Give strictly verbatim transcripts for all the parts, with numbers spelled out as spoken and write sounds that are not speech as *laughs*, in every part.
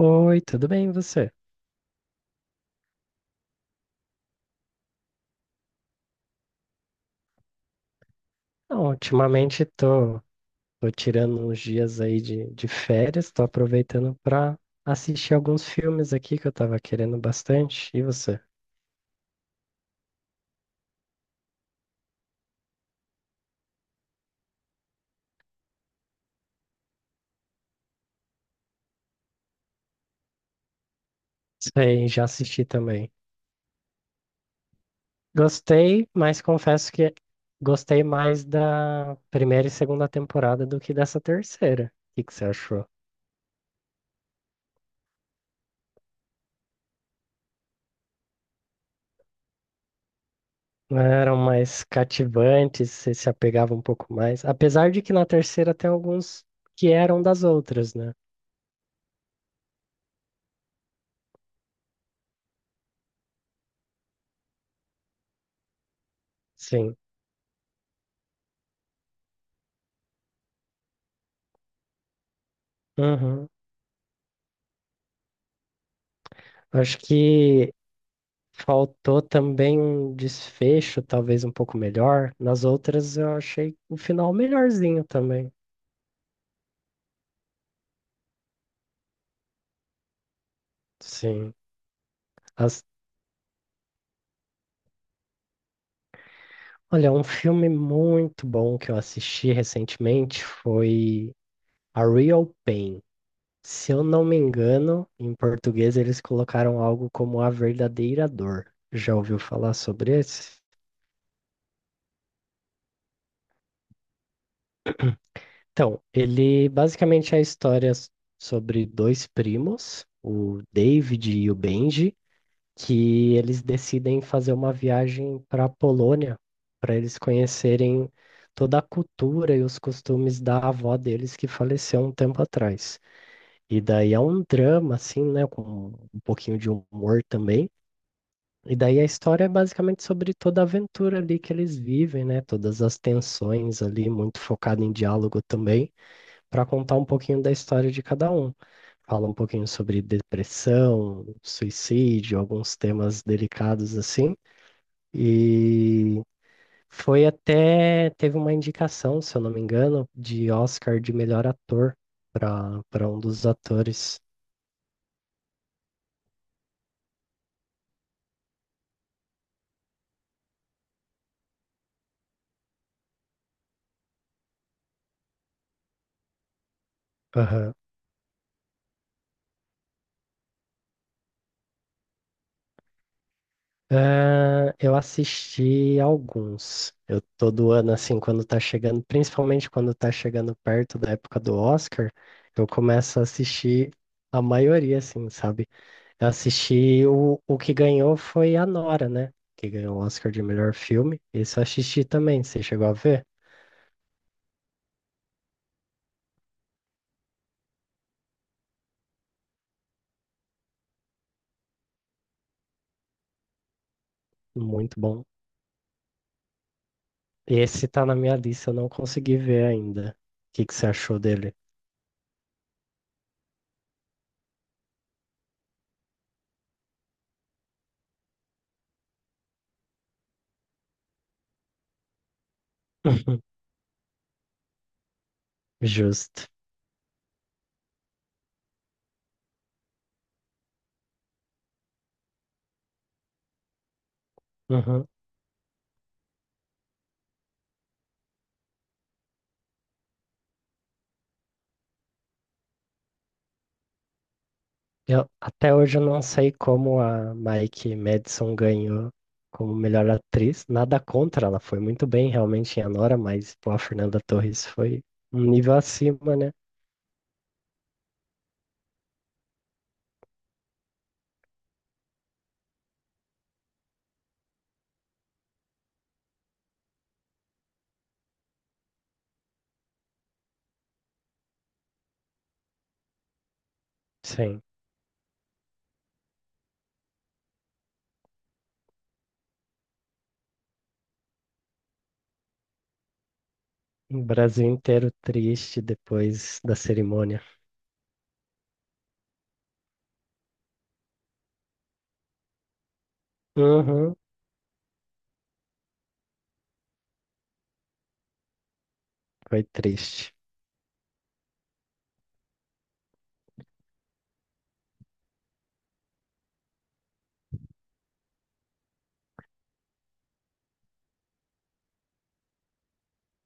Oi, tudo bem e você? Não, ultimamente tô, tô tirando uns dias aí de, de férias, tô aproveitando pra assistir alguns filmes aqui que eu tava querendo bastante. E você? Sei, já assisti também. Gostei, mas confesso que gostei mais da primeira e segunda temporada do que dessa terceira. O que que você achou? Não eram mais cativantes, você se apegava um pouco mais. Apesar de que na terceira tem alguns que eram das outras, né? Sim. Uhum. Acho que faltou também um desfecho, talvez um pouco melhor. Nas outras, eu achei o final melhorzinho também. Sim. As... Olha, um filme muito bom que eu assisti recentemente foi A Real Pain. Se eu não me engano, em português eles colocaram algo como A Verdadeira Dor. Já ouviu falar sobre esse? Então, ele basicamente é a história s- sobre dois primos, o David e o Benji, que eles decidem fazer uma viagem para a Polônia, para eles conhecerem toda a cultura e os costumes da avó deles que faleceu um tempo atrás. E daí é um drama, assim, né, com um pouquinho de humor também. E daí a história é basicamente sobre toda a aventura ali que eles vivem, né, todas as tensões ali, muito focado em diálogo também para contar um pouquinho da história de cada um. Fala um pouquinho sobre depressão, suicídio, alguns temas delicados assim. E foi até, teve uma indicação, se eu não me engano, de Oscar de melhor ator para para um dos atores. Aham. Ah, eu assisti alguns. Eu todo ano, assim, quando tá chegando, principalmente quando tá chegando perto da época do Oscar, eu começo a assistir a maioria, assim, sabe? Eu assisti o, o que ganhou foi a Nora, né? Que ganhou o Oscar de melhor filme. Esse eu assisti também. Você chegou a ver? Muito bom. Esse tá na minha lista, eu não consegui ver ainda. O que que você achou dele? *laughs* Uhum. Justo. Uhum. Eu, até hoje eu não sei como a Mike Madison ganhou como melhor atriz. Nada contra, ela foi muito bem realmente em Anora, mas pô, a Fernanda Torres foi um nível acima, né? Sim. O Brasil inteiro triste depois da cerimônia. Uhum, foi triste.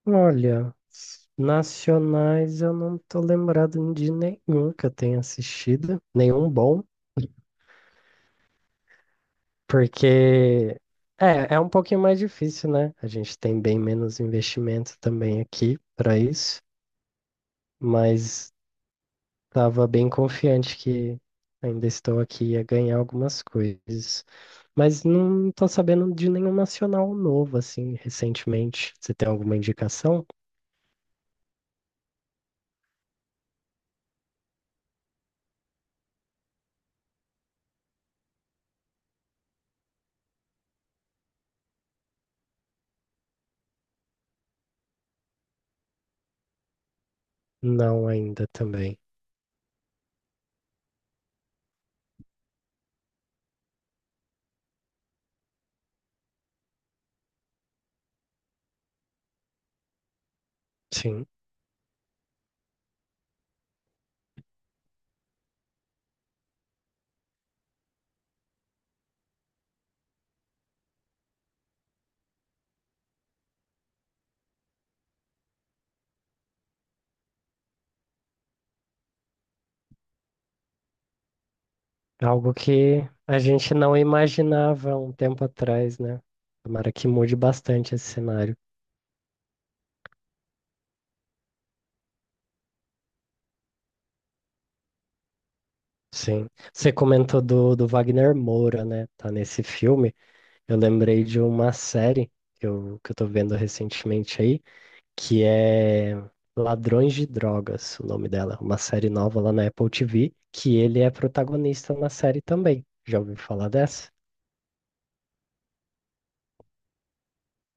Olha, s- nacionais eu não tô lembrado de nenhum que eu tenha assistido, nenhum bom, porque é, é um pouquinho mais difícil, né? A gente tem bem menos investimento também aqui para isso, mas tava bem confiante que ainda estou aqui a ganhar algumas coisas. Mas não tô sabendo de nenhum nacional novo, assim, recentemente. Você tem alguma indicação? Não ainda também. Sim. Algo que a gente não imaginava um tempo atrás, né? Tomara que mude bastante esse cenário. Sim. Você comentou do, do Wagner Moura, né? Tá nesse filme. Eu lembrei de uma série que eu, que eu tô vendo recentemente aí, que é Ladrões de Drogas, o nome dela, uma série nova lá na Apple T V, que ele é protagonista na série também. Já ouviu falar dessa?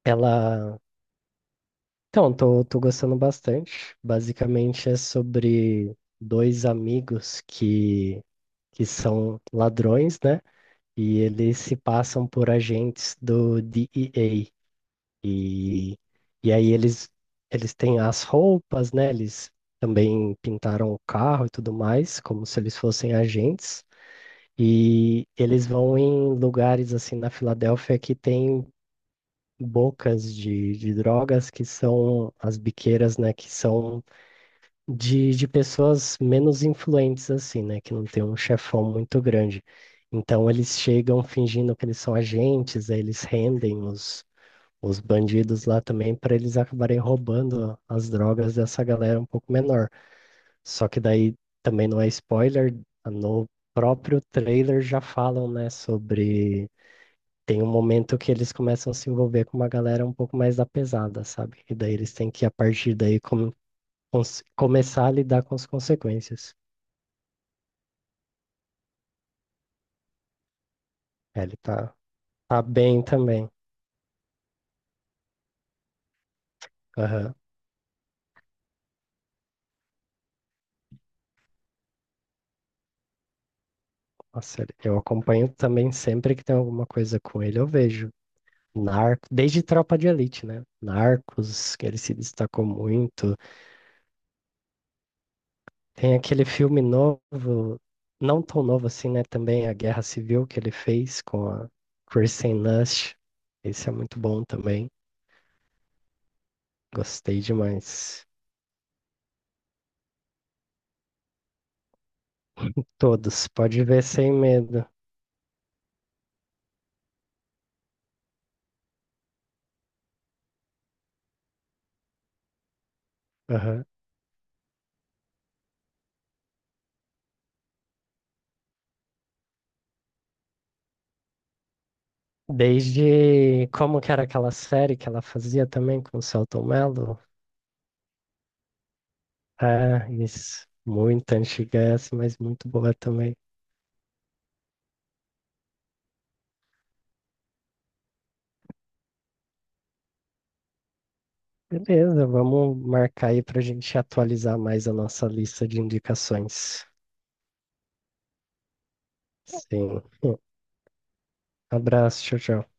Ela. Então, tô, tô gostando bastante. Basicamente é sobre dois amigos que, que são ladrões, né? E eles se passam por agentes do D E A. E, e aí eles, eles têm as roupas, né? Eles também pintaram o carro e tudo mais, como se eles fossem agentes. E eles vão em lugares assim na Filadélfia que tem bocas de, de drogas, que são as biqueiras, né? Que são de, de pessoas menos influentes, assim, né? Que não tem um chefão muito grande. Então eles chegam fingindo que eles são agentes, aí eles rendem os os bandidos lá também para eles acabarem roubando as drogas dessa galera um pouco menor. Só que daí também não é spoiler, no próprio trailer já falam, né, sobre, tem um momento que eles começam a se envolver com uma galera um pouco mais da pesada, sabe? E daí eles têm que, a partir daí, com- cons- começar a lidar com as consequências. É, ele tá tá bem também. Aham. Nossa, ele, eu acompanho também sempre que tem alguma coisa com ele, eu vejo. Narco, desde Tropa de Elite, né? Narcos, que ele se destacou muito. Tem aquele filme novo, não tão novo assim, né? Também a Guerra Civil que ele fez com a Kirsten Dunst. Esse é muito bom também. Gostei demais. Todos, pode ver sem medo. Aham. Desde, como que era aquela série que ela fazia também com o Selton Mello? Ah, isso. Muito antiga essa, mas muito boa também. Beleza, vamos marcar aí para a gente atualizar mais a nossa lista de indicações. Sim. Um abraço, tchau, tchau.